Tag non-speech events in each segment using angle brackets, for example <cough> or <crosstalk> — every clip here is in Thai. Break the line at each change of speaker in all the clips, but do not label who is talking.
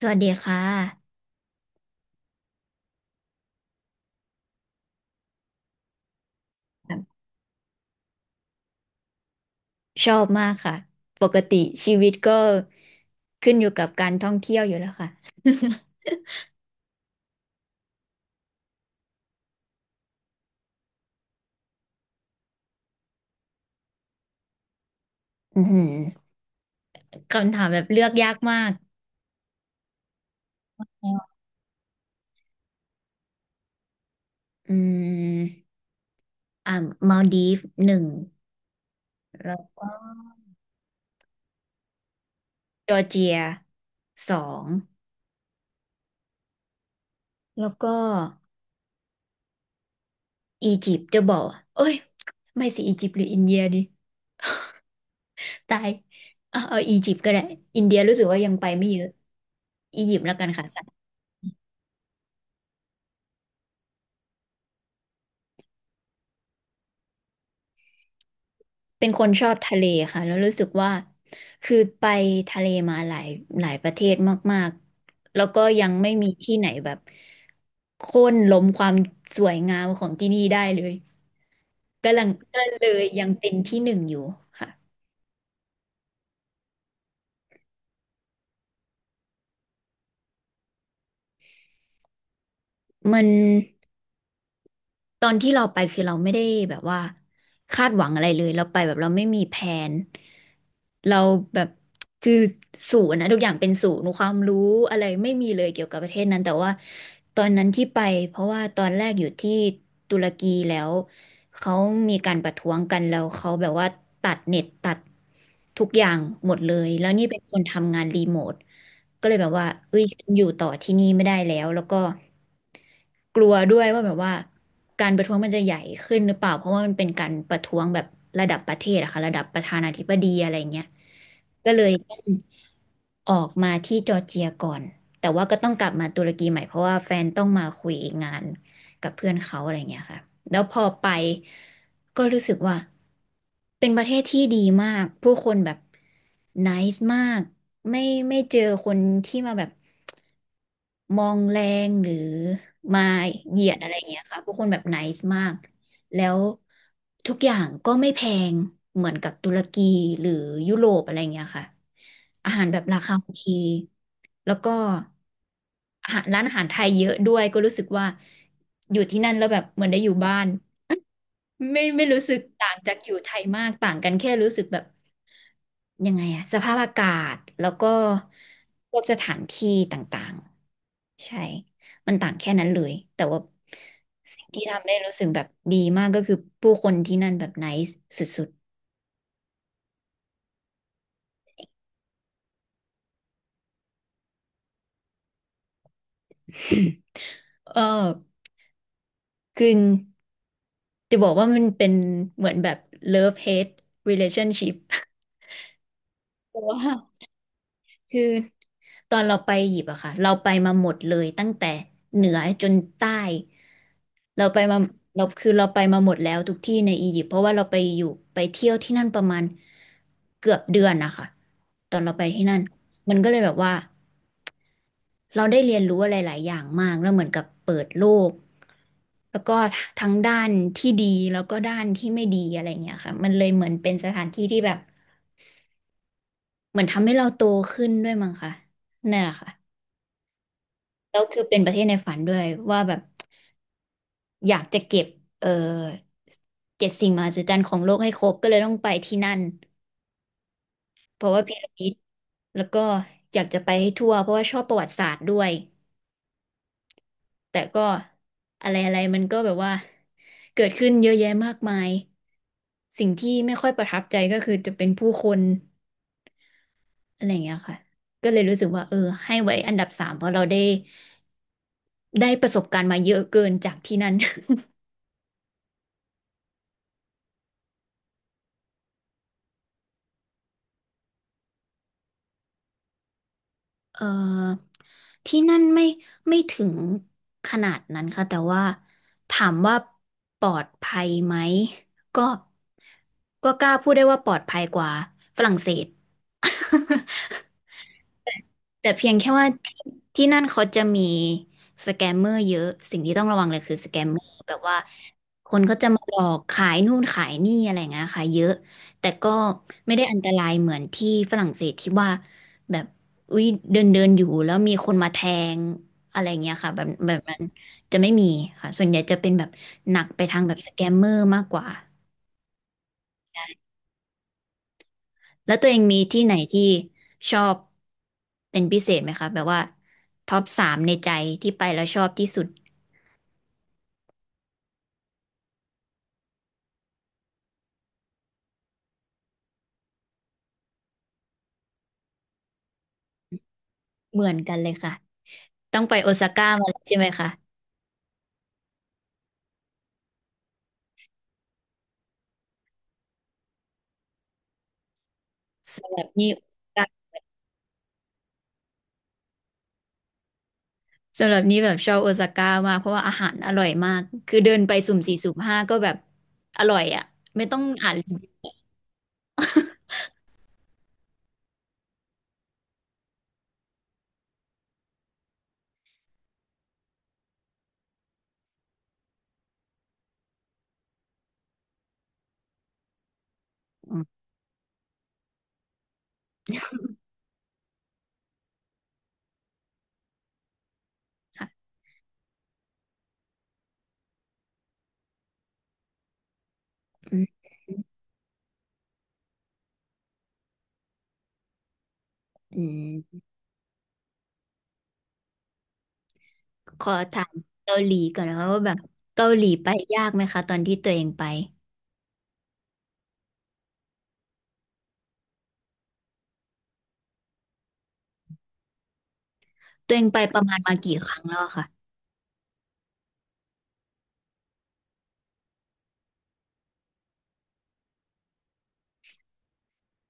สวัสดีค่ะชอบมากค่ะปกติชีวิตก็ขึ้นอยู่กับการท่องเที่ยวอยู่แล้วค่ะอือหือคำถามแบบเลือกยากมากอืมอ่ามาลดีฟหนึ่งแล้วก็จอร์เจียสองแล้วก็อียิปต์จะบอกเอ้ยไม่สิอียิปต์หรืออินเดียดีตายเอาอียิปต์ก็ได้อินเดียรู้สึกว่ายังไปไม่เยอะอียิปต์แล้วกันค่ะ เป็นคนชอบทะเลค่ะแล้วรู้สึกว่าคือไปทะเลมาหลายหลายประเทศมากๆแล้วก็ยังไม่มีที่ไหนแบบโค่นล้มความสวยงามของที่นี่ได้เลยกำลังก็เลยยังเป็นที่หนึ่งอยู่ค่ะมัน ตอนที่เราไปคือเราไม่ได้แบบว่าคาดหวังอะไรเลยเราไปแบบเราไม่มีแผนเราแบบคือศูนย์นะทุกอย่างเป็นศูนย์ความรู้อะไรไม่มีเลยเกี่ยวกับประเทศนั้นแต่ว่าตอนนั้นที่ไปเพราะว่าตอนแรกอยู่ที่ตุรกีแล้วเขามีการประท้วงกันแล้วเขาแบบว่าตัดเน็ตตัดทุกอย่างหมดเลยแล้วนี่เป็นคนทำงานรีโมท ก็เลยแบบว่าเอ้ยฉันอยู่ต่อที่นี่ไม่ได้แล้ว แล้วก็กลัวด้วยว่าแบบว่าการประท้วงมันจะใหญ่ขึ้นหรือเปล่า เพราะว่ามันเป็นการประท้วงแบบระดับประเทศอะค่ะระดับประธานาธิบดีอะไรเงี้ยก็เลยต้องออกมาที่จอร์เจียก่อน แต่ว่าก็ต้องกลับมาตุรกีใหม่เพราะว่าแฟนต้องมาคุยงาน กับเพื่อนเขาอะไรเงี้ยค่ะแล้วพอไปก็รู้สึกว่าเป็นประเทศที่ดีมาก ผู้คนแบบไนซ์มากไม่ไม่เจอคนที่มาแบบมองแรงหรือมาเหยียดอะไรเงี้ยค่ะผู้คนแบบไนซ์มาก แล้วทุกอย่างก็ไม่แพงเหมือนกับตุรกีหรือยุโรปอะไรเงี้ยค่ะอาหารแบบราคาโอเคแล้วก็อาหารร้านอาหารไทยเยอะด้วยก็รู้สึกว่าอยู่ที่นั่นแล้วแบบเหมือนได้อยู่บ้าน ไม่รู้สึกต่างจากอยู่ไทยมากต่างกันแค่รู้สึกแบบยังไงอะสภาพอากาศแล้วก็พวกสถานที่ต่างๆใช่มันต่างแค่นั้นเลยแต่ว่าสิ่งที่ทำได้รู้สึกแบบดีมากก็คือผู้คนที่นั่นแบบไนซ์สุดๆ <coughs> คือจะบอกว่ามันเป็นเหมือนแบบ love hate relationship เพราะว่า คือตอนเราไปหยิบอะค่ะเราไปมาหมดเลยตั้งแต่เหนือจนใต้เราไปมาเราคือเราไปมาหมดแล้วทุกที่ในอียิปต์เพราะว่าเราไปอยู่ไปเที่ยวที่นั่นประมาณเกือบเดือนนะคะตอนเราไปที่นั่นมันก็เลยแบบว่าเราได้เรียนรู้อะไรหลายอย่างมากแล้วเหมือนกับเปิดโลกแล้วก็ทั้งด้านที่ดีแล้วก็ด้านที่ไม่ดีอะไรเงี้ยค่ะมันเลยเหมือนเป็นสถานที่ที่แบบเหมือนทำให้เราโตขึ้นด้วยมั้งค่ะนั่นแหละค่ะ แล้วคือเป็นประเทศในฝันด้วยว่าแบบอยากจะเก็บเออ7 สิ่งมหัศจรรย์ของโลกให้ครบก็เลยต้องไปที่นั่นเพราะว่าพีระมิดแล้วก็อยากจะไปให้ทั่วเพราะว่าชอบประวัติศาสตร์ด้วยแต่ก็อะไรอะไรมันก็แบบว่าเกิดขึ้นเยอะแยะมากมายสิ่งที่ไม่ค่อยประทับใจก็คือจะเป็นผู้คนอะไรอย่างเงี้ยค่ะก็เลยรู้สึกว่าเออให้ไว้อันดับสามเพราะเราได้ประสบการณ์มาเยอะเกินจากที่นั่น เอ่อที่นั่นไม่ถึงขนาดนั้นค่ะแต่ว่าถามว่าปลอดภัยไหมก็ก็กล้าพูดได้ว่าปลอดภัยกว่าฝรั่งเศส <laughs> แต่เพียงแค่ว่าที่นั่นเขาจะมีสแกมเมอร์เยอะสิ่งที่ต้องระวังเลยคือสแกมเมอร์แบบว่าคนก็จะมาหลอกขายนู่นขายนี่อะไรอย่างเงี้ยค่ะเยอะแต่ก็ไม่ได้อันตรายเหมือนที่ฝรั่งเศสที่ว่าแบบอุ้ยเดินเดินอยู่แล้วมีคนมาแทงอะไรเงี้ยค่ะแบบนั้นจะไม่มีค่ะส่วนใหญ่จะเป็นแบบหนักไปทางแบบสแกมเมอร์มากกว่า แล้วตัวเองมีที่ไหนที่ชอบเป็นพิเศษไหมคะแบบว่าท็อปสามในใจที่ไปแล้วชอบที่สุดเหมือนกันเลยค่ะต้องไปโอซาก้ามาแล้วใช่ไหมคะสำหรับนี่สำหรับนี่แบบชอบโอซาก้ามากเพราะว่าอาหารอร่อยมากคือเดินไปสุ่มสี่สุ่มห้าก็แบบอร่อยอ่ะไม่ต้องอ่านรีวิวอืมค่ะอืมอืมขอถามเกาหลีก่อนนะคะว่าแบบเกาหลีไปยากไหมคะตอนที่ตัวเองไปตัวเองไปประมาณมากี่ครั้งแล้วอะค่ะ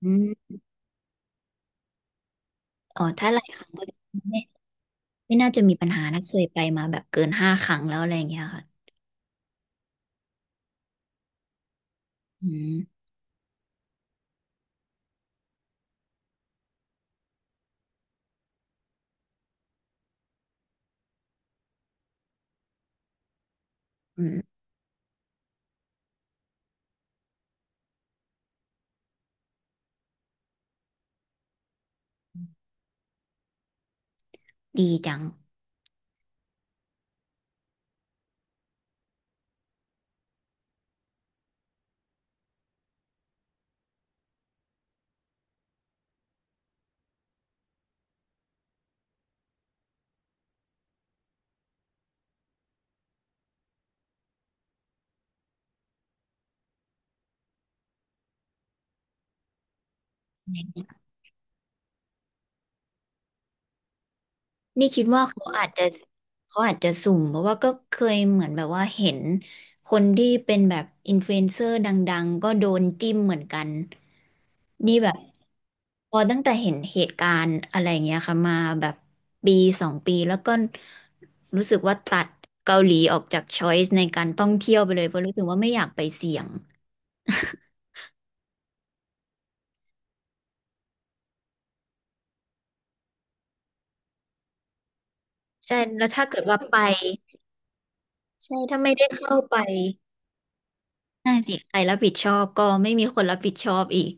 อืม เออถ้าหลายครั้งก็ไม่ไม่น่าจะมีปัญหานะเคยไปมาแบบเกิน5 ครั้งแล้วอะไรอย่างเงี้ยค่ะ อืม อืม ดีจัง นี่คิดว่าเขาอาจจะ สุ่มเพราะว่าก็เคยเหมือนแบบว่าเห็นคนที่เป็นแบบอินฟลูเอนเซอร์ดังๆ ก็โดนจิ้มเหมือนกัน นี่แบบพอตั้งแต่เห็นเหตุการณ์อะไรอย่างเงี้ยค่ะมาแบบปี2 ปีแล้วก็รู้สึกว่าตัดเกาหลีออกจากช้อยส์ในการท่องเที่ยวไปเลยเพราะรู้สึกว่าไม่อยากไปเสี่ยง ใช่แล้วถ้าเกิดว่าไปใช่ถ้าไม่ได้เข้าไปน่าสิใครรับผิดชอบก็ไม่มีคนรับผิดชอบอีก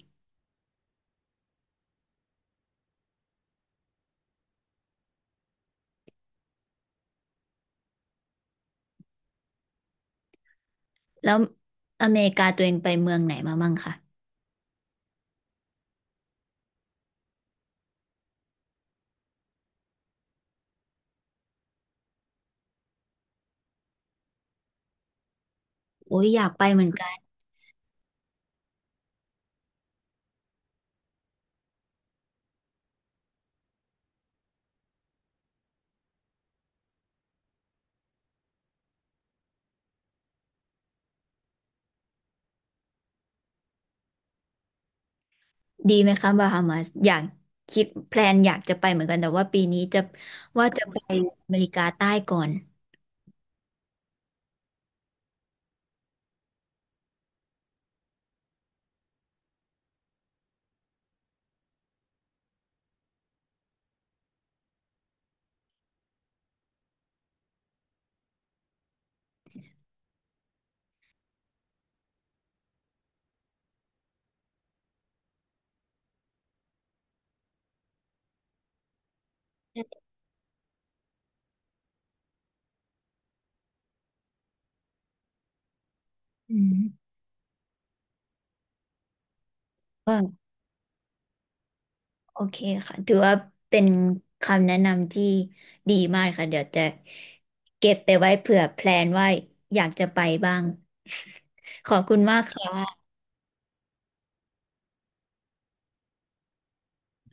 แล้วอเมริกาตัวเองไปเมืองไหนมามั่งคะโอ้ยอยากไปเหมือนกันดีไหมคะบาฮามาสอยากคิดแพลนอยากจะไปเหมือนกันแต่ว่าปีนี้จะว่าจะไปอเมริกาใต้ก่อนอืมว่า โอเคค่ะถือว่าเป็นคำแนะนำที่ดีมากค่ะเดี๋ยวจะเก็บไปไว้เผื่อแพลนว่าอยากจะไปบ้าง <laughs> ขอบคุณมากค่ะ